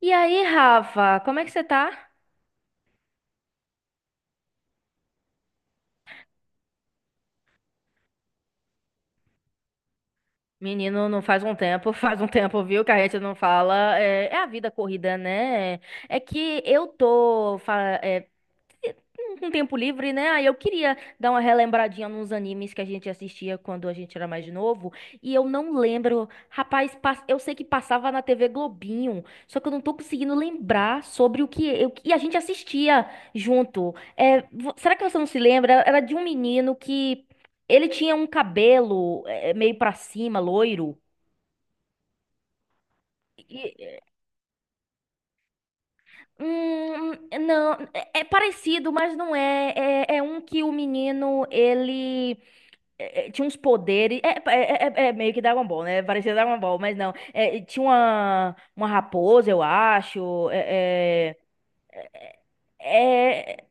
E aí, Rafa, como é que você tá? Menino, não faz um tempo, faz um tempo, viu, que a gente não fala. É a vida corrida, né? É que eu tô fa- com tempo livre, né? Aí eu queria dar uma relembradinha nos animes que a gente assistia quando a gente era mais novo. E eu não lembro. Rapaz, pas- eu sei que passava na TV Globinho, só que eu não tô conseguindo lembrar sobre o que eu... e a gente assistia junto. É, vo- será que você não se lembra? Era de um menino que. Ele tinha um cabelo é meio pra cima, loiro. E- hum, não, é parecido, mas não é. É, é um que o menino, ele tinha uns poderes. É meio que Dragon Ball, né? Parecia Dragon Ball, mas não. É, tinha uma raposa, eu acho. É, é, é-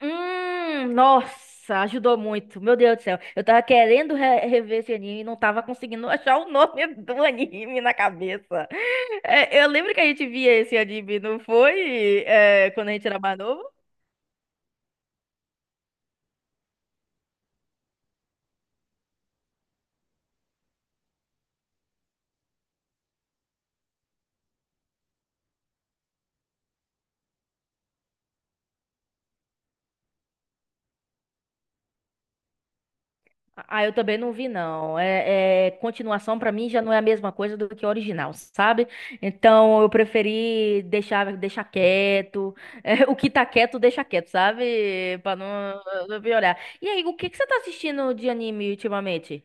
Nossa, ajudou muito. Meu Deus do céu. Eu tava querendo re- rever esse anime e não tava conseguindo achar o nome do anime na cabeça. É, eu lembro que a gente via esse anime, não foi? É, quando a gente era mais novo? Ah, eu também não vi, não. Continuação pra mim já não é a mesma coisa do que o original, sabe? Então eu preferi deixar, deixar quieto. É, o que tá quieto, deixa quieto, sabe? Pra não, não piorar. E aí, o que que você tá assistindo de anime ultimamente?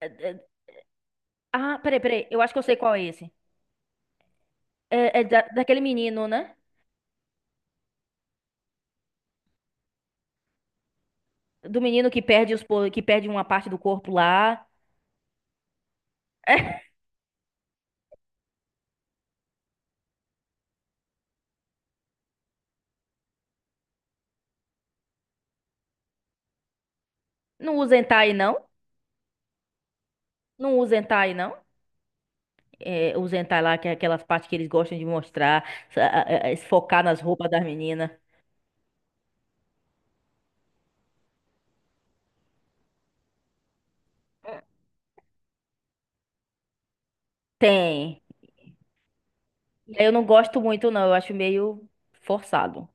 É, é, Ah, peraí, peraí. Eu acho que eu sei qual é esse. É, é da- daquele menino, né? Do menino que perde os, po- que perde uma parte do corpo lá. Não usa hentai, não? Não usa hentai, não? É, usa hentai lá, que é aquela parte que eles gostam de mostrar, sa- a- focar nas roupas das meninas. Tem. É, eu não gosto muito, não. Eu acho meio forçado.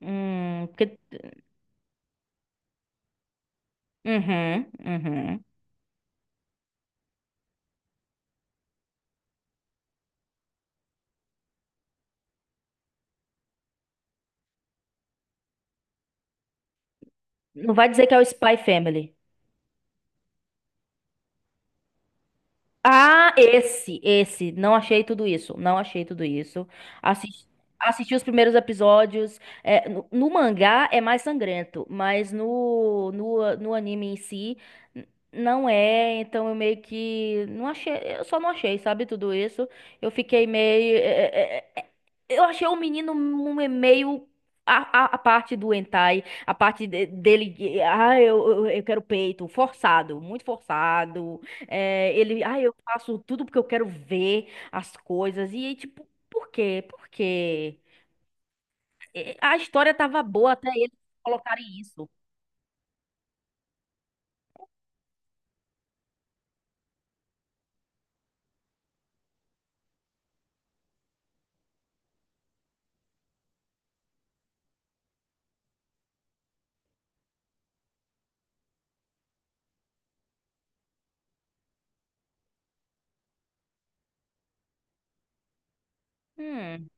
Porque... Uhum, uhum. Não vai dizer que é o Spy Family. Ah, esse, esse. Não achei tudo isso. Não achei tudo isso. Assisti, assisti os primeiros episódios. É, no mangá é mais sangrento, mas no anime em si n- não é. Então eu meio que não achei. Eu só não achei, sabe, tudo isso. Eu fiquei meio. Eu achei o menino me- meio. A parte do hentai, a parte de- dele, ah, eu quero peito, forçado, muito forçado. É, ele, ah, eu faço tudo porque eu quero ver as coisas. E aí, tipo, por quê? Por quê? E- A história tava boa até eles colocarem isso. Hum,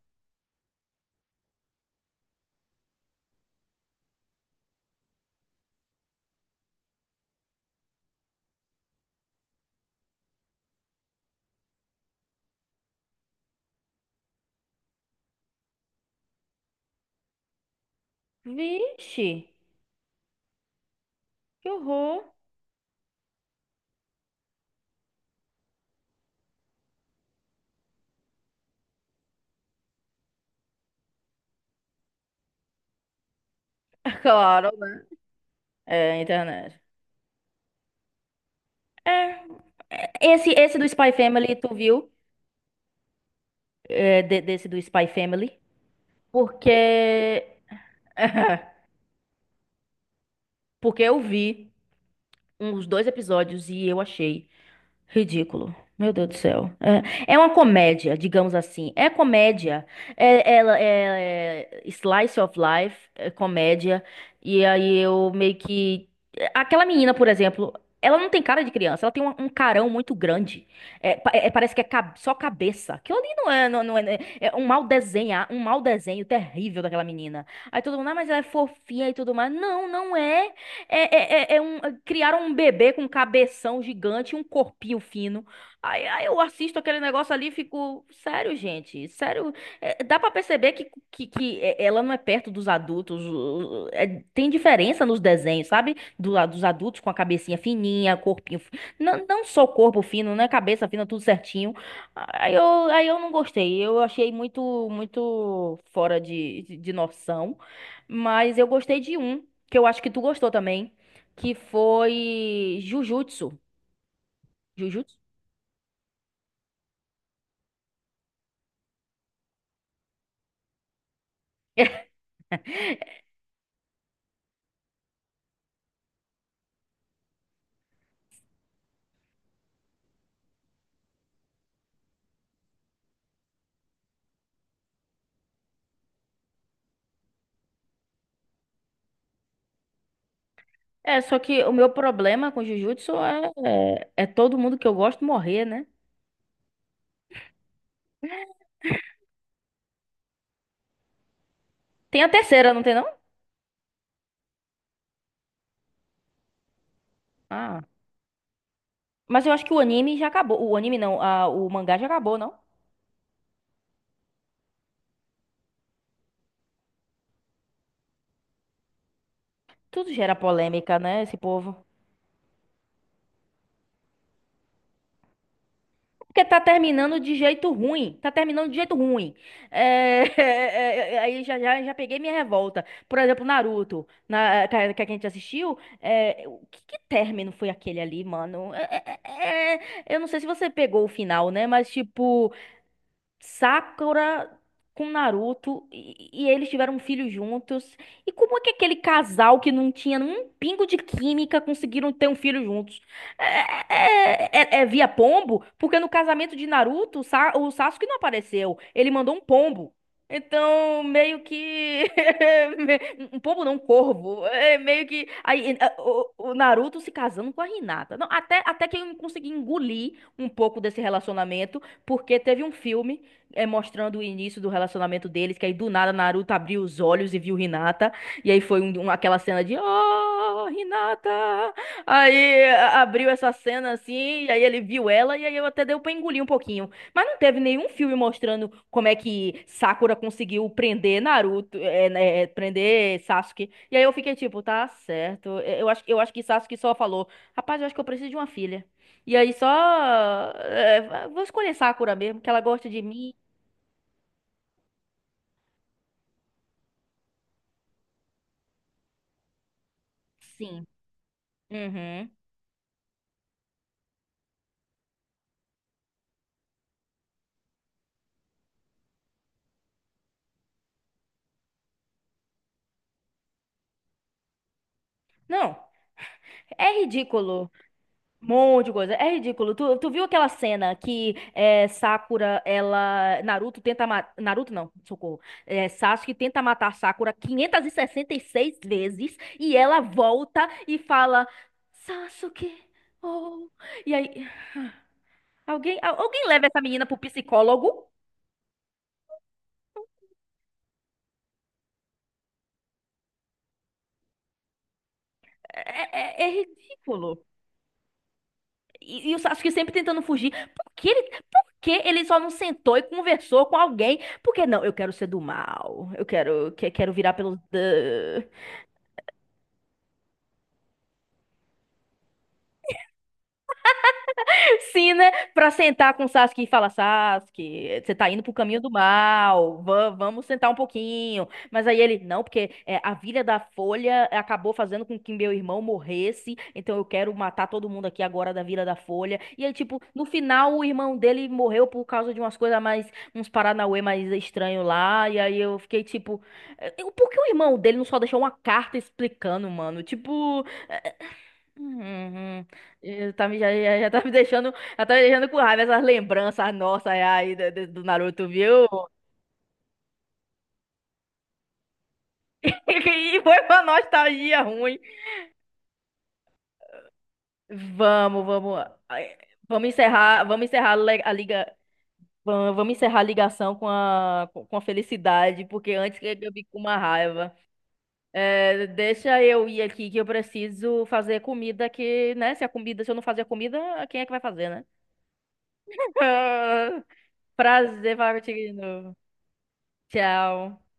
vixe, que horror. Claro, né? É, internet. É, esse, esse do Spy Family, tu viu? É, de- desse do Spy Family? Porque. Porque eu vi uns dois episódios e eu achei. Ridículo. Meu Deus do céu. É, é uma comédia, digamos assim. É comédia. É, ela é slice of life, é comédia. E aí eu meio que. Aquela menina, por exemplo, ela não tem cara de criança, ela tem um carão muito grande. É, pa- é- parece que é ca- só cabeça. Aquilo ali não é, não, não é. Né, é um mal desenhar, um mau desenho terrível daquela menina. Aí todo mundo, ah, mas ela é fofinha e tudo mais. Não, não é. É um, é, criaram um bebê com um cabeção gigante e um corpinho fino. Aí eu assisto aquele negócio ali e fico, sério, gente, sério. É, dá pra perceber que é- ela não é perto dos adultos. O- o- é- tem diferença nos desenhos, sabe? Do, lado dos adultos com a cabecinha fininha, corpinho. Fi- não, não só corpo fino, né? Cabeça fina, tudo certinho. Aí eu, aí eu não gostei. Eu achei muito, muito fora de noção. Mas eu gostei de um que eu acho que tu gostou também, que foi Jujutsu. Jujutsu? É, só que o meu problema com Jujutsu é todo mundo que eu gosto morrer, né? Tem a terceira, não tem não? Ah, mas eu acho que o anime já acabou. O anime não, a, o mangá já acabou, não? Tudo gera polêmica, né, esse povo? Porque tá terminando de jeito ruim. Tá terminando de jeito ruim. É, é, é, aí já peguei minha revolta. Por exemplo, Naruto, na, que a gente assistiu. É, o que, que término foi aquele ali, mano? Eu não sei se você pegou o final, né? Mas, tipo. Sakura com Naruto e eles tiveram um filho juntos. E como é que aquele casal que não tinha um pingo de química conseguiram ter um filho juntos? É, é- é- é é via pombo? Porque no casamento de Naruto, o Sa- o Sasuke não apareceu. Ele mandou um pombo. Então, meio que. Um pombo não, um corvo. É meio que. Aí, eh, o Naruto se casando com a Hinata. Não, até, até que eu consegui engolir um pouco desse relacionamento, porque teve um filme mostrando o início do relacionamento deles, que aí do nada Naruto abriu os olhos e viu Hinata, e aí foi um- um- aquela cena de Oh, Hinata! Aí a- abriu essa cena assim, e aí ele viu ela, e aí eu até deu pra engolir um pouquinho. Mas não teve nenhum filme mostrando como é que Sakura conseguiu prender Naruto, é, né, é, prender Sasuke. E aí eu fiquei tipo, tá certo. É, eu acho, eu acho que Sasuke só falou, rapaz, eu acho que eu preciso de uma filha. E aí só. É, vou escolher Sakura mesmo, que ela gosta de mim. Sim. Uhum. Não, é ridículo. Um monte de coisa. É ridículo. Tu, tu viu aquela cena que é, Sakura, ela. Naruto tenta matar. Naruto não, socorro. É, Sasuke tenta matar Sakura 566 vezes e ela volta e fala: Sasuke, oh. E aí. Alguém, al- alguém leva essa menina pro psicólogo? É ridículo. E o Sasuke sempre tentando fugir. Por que ele só não sentou e conversou com alguém? Porque não, eu quero ser do mal. Eu quero, que- quero virar pelos. Sim, né? Pra sentar com Sasuke e falar, Sasuke, você tá indo pro caminho do mal, va- vamos sentar um pouquinho. Mas aí ele, não, porque é, a Vila da Folha acabou fazendo com que meu irmão morresse, então eu quero matar todo mundo aqui agora da Vila da Folha. E aí, tipo, no final o irmão dele morreu por causa de umas coisas mais, uns paranauê mais estranho lá, e aí eu fiquei tipo, eh, por que o irmão dele não só deixou uma carta explicando, mano? Tipo. Uhum. Eh, tá me, já tá me deixando, já tá me deixando com raiva essas lembranças nossas aí do, do do Naruto, viu? E foi uma nostalgia ruim. Vamos, vamos. Ai, vamos encerrar, vamos encerrar le- a liga, va- vamos encerrar a ligação com a, com com a felicidade, porque antes que eu fique com uma raiva. Eh, deixa eu ir aqui que eu preciso fazer comida que, né? Se a comida, se eu não fazer a comida, quem é que vai fazer, né? Prazer falar contigo de novo. Tchau.